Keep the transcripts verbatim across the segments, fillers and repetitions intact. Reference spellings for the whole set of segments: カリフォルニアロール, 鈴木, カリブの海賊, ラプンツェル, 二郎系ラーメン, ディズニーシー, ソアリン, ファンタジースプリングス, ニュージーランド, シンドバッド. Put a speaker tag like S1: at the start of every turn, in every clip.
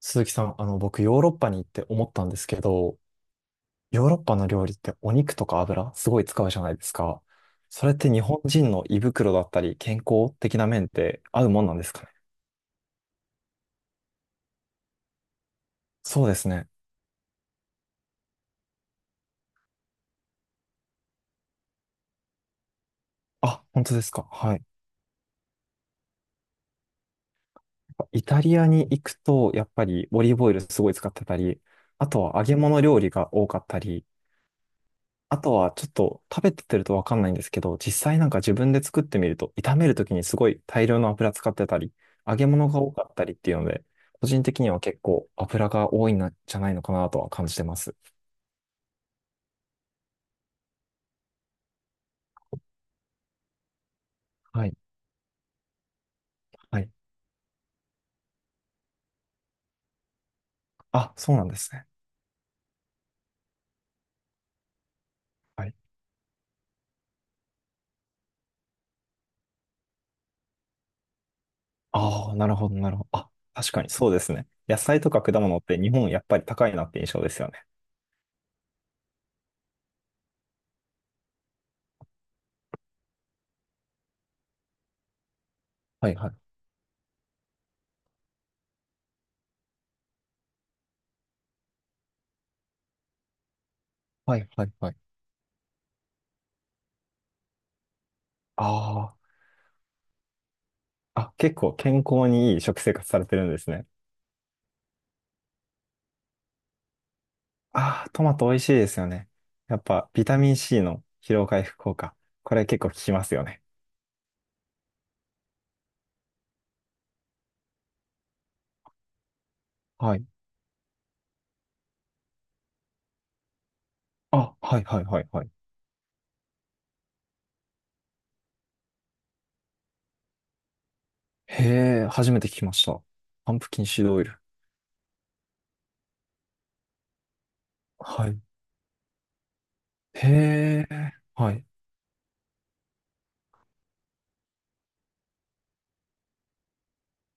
S1: 鈴木さん、あの、僕、ヨーロッパに行って思ったんですけど、ヨーロッパの料理ってお肉とか油、すごい使うじゃないですか。それって日本人の胃袋だったり、健康的な面って合うもんなんですかね。そうですね。あ、本当ですか。はい。イタリアに行くと、やっぱりオリーブオイルすごい使ってたり、あとは揚げ物料理が多かったり、あとはちょっと食べてるとわかんないんですけど、実際なんか自分で作ってみると、炒めるときにすごい大量の油使ってたり、揚げ物が多かったりっていうので、個人的には結構油が多いんじゃないのかなとは感じてます。はい。はい。あ、そうなんですね。はい。ああ、なるほど、なるほど。あ、確かにそうですね。野菜とか果物って日本やっぱり高いなって印象ですよね。はいはい。はいはいはい。ああ、あ、結構健康にいい食生活されてるんですね。ああ、トマト美味しいですよね。やっぱ、ビタミンシー の疲労回復効果。これ結構効きますよね。はい。あ、はいはいはいはい。へえ、初めて聞きました。パンプキンシードオイル。はい。へえ、はい。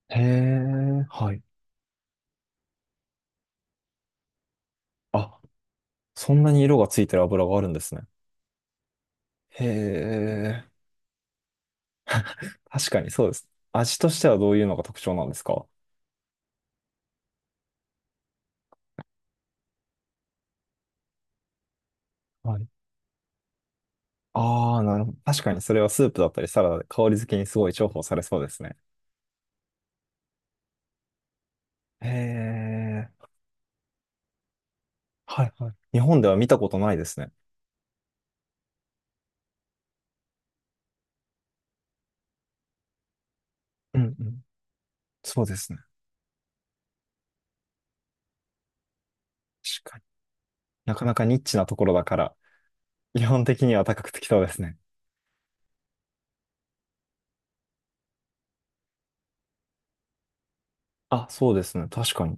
S1: へえ、はい。あ、そんなに色がついてる油があるんですね。へえ、確かにそうです。味としてはどういうのが特徴なんですか？はい。ああ、なるほど。確かにそれはスープだったりサラダで香り付けにすごい重宝されそうですね。へえ。はいはい。日本では見たことないですね。うんうん。そうですね。確かに。なかなかニッチなところだから、基本的には高くてきそうですね。あ、そうですね。確かに。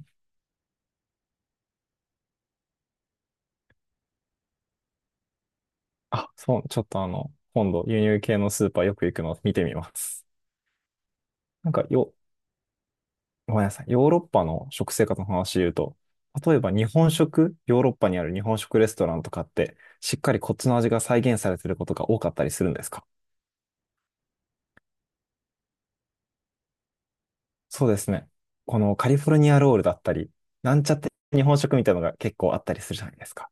S1: あ、そう、ちょっとあの、今度輸入系のスーパーよく行くのを見てみます。なんかよ、ごめんなさい。ヨーロッパの食生活の話で言うと、例えば日本食、ヨーロッパにある日本食レストランとかって、しっかりこっちの味が再現されてることが多かったりするんですか？そうですね。このカリフォルニアロールだったり、なんちゃって日本食みたいなのが結構あったりするじゃないですか。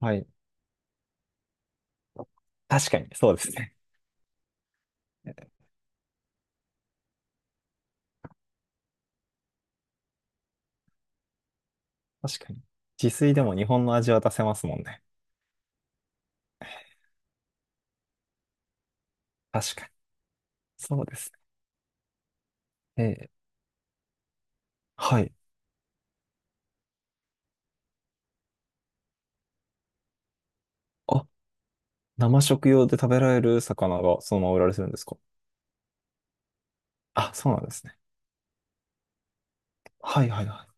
S1: はい。確かに、そうですね。確かに。自炊でも日本の味は出せますもんね。確かに。そうですね。えーはい。あ、生食用で食べられる魚がそのまま売られてるんですか？あ、そうなんですね。はいはいはい。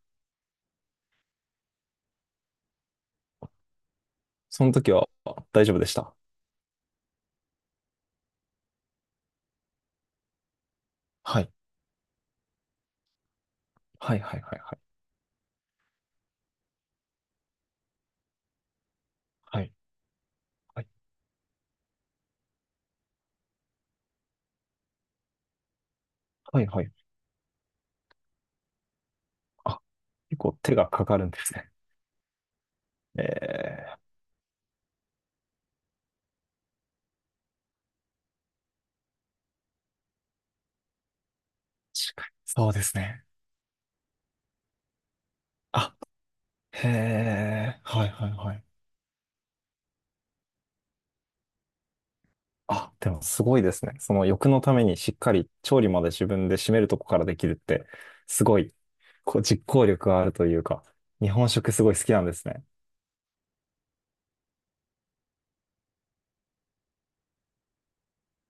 S1: その時は大丈夫でした。はい。はいはいはいはい。はい。はいはいはい。あ、結構手がかかるんですね。えー、確かに。そうですね。あへえ、はいはいはい。あ、でもすごいですね。その欲のためにしっかり調理まで自分で締めるとこからできるって、すごい、こう実行力があるというか、日本食すごい好きなんですね。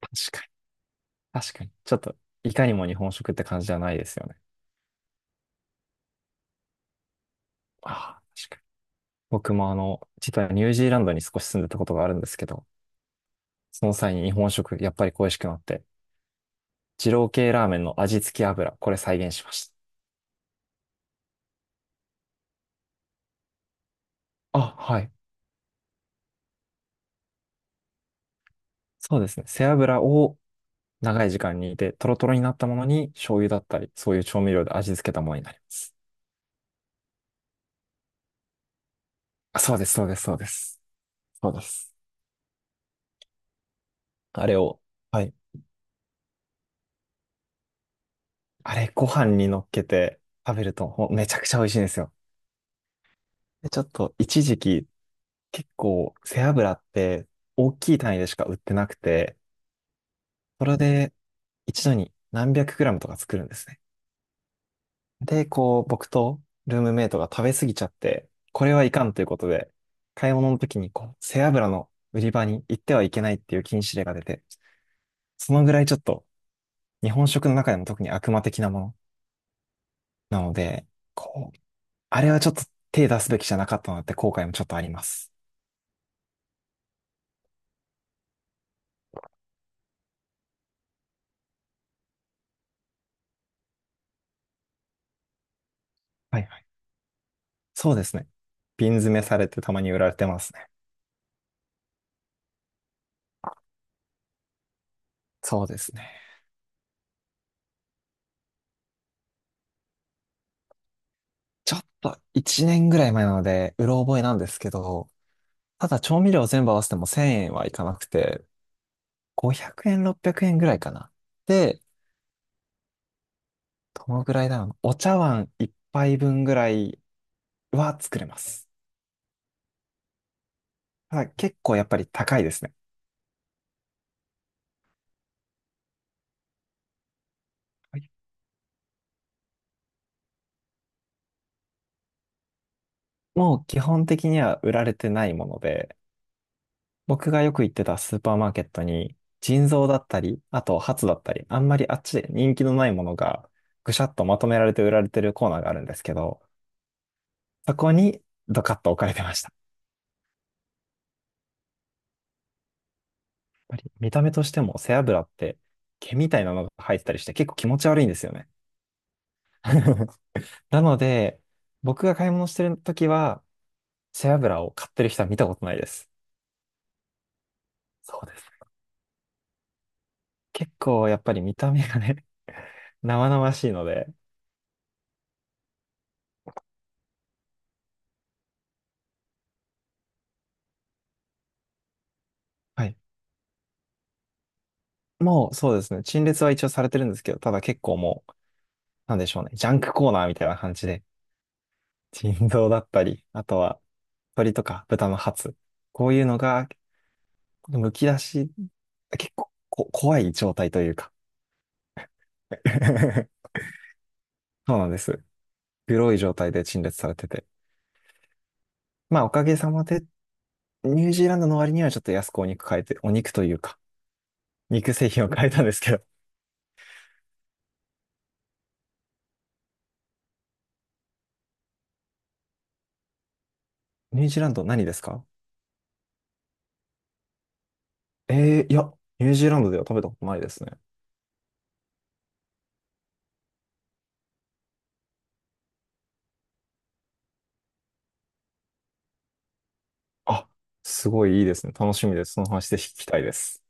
S1: 確かに、確かに。ちょっと、いかにも日本食って感じじゃないですよね。ああ、確かに。僕もあの、実はニュージーランドに少し住んでたことがあるんですけど、その際に日本食、やっぱり恋しくなって、二郎系ラーメンの味付け油、これ再現しました。あ、はい。そうですね。背脂を長い時間煮て、トロトロになったものに醤油だったり、そういう調味料で味付けたものになります。あ、そうです、そうです、そうです。そうです。あれを、はい。あれ、ご飯に乗っけて食べると、ほんめちゃくちゃ美味しいんですよ。で、ちょっと、一時期、結構、背脂って大きい単位でしか売ってなくて、それで一度に何百グラムとか作るんですね。で、こう、僕とルームメイトが食べ過ぎちゃって、これはいかんということで、買い物の時にこう、背脂の売り場に行ってはいけないっていう禁止令が出て、そのぐらいちょっと日本食の中でも特に悪魔的なものなので、こう、あれはちょっと手出すべきじゃなかったなって後悔もちょっとあります。はいはい。そうですね。瓶詰めされてたまに売られてますね。そうですね。ちょっといちねんぐらい前なので、うろ覚えなんですけど、ただ調味料全部合わせてもせんえんはいかなくて、ごひゃくえん、ろっぴゃくえんぐらいかな。で、どのぐらいだろうな。お茶碗一杯分ぐらいは作れます。ただ結構やっぱり高いですね。はいもう基本的には売られてないもので、僕がよく行ってたスーパーマーケットに、腎臓だったり、あとハツだったり、あんまりあっちで人気のないものがぐしゃっとまとめられて売られてるコーナーがあるんですけど、そこにドカッと置かれてました。やっぱり見た目としても背脂って毛みたいなのが入ってたりして結構気持ち悪いんですよね。なので、僕が買い物してる時は、背脂を買ってる人は見たことないです。そうです。結構やっぱり見た目がね、生々しいので、はい。もうそうですね、陳列は一応されてるんですけど、ただ結構もう、なんでしょうね、ジャンクコーナーみたいな感じで、腎臓だったり、あとは鶏とか豚のハツ、こういうのが、むき出し、結構こ怖い状態というか。 そうなんです。黒い状態で陳列されてて。まあ、おかげさまでニュージーランドの割にはちょっと安くお肉変えて、お肉というか、肉製品を変えたんですけど。ニュージーランド何ですか？えー、いや、ニュージーランドでは食べたことないですね。あ、すごいいいですね。楽しみです。その話で聞きたいです。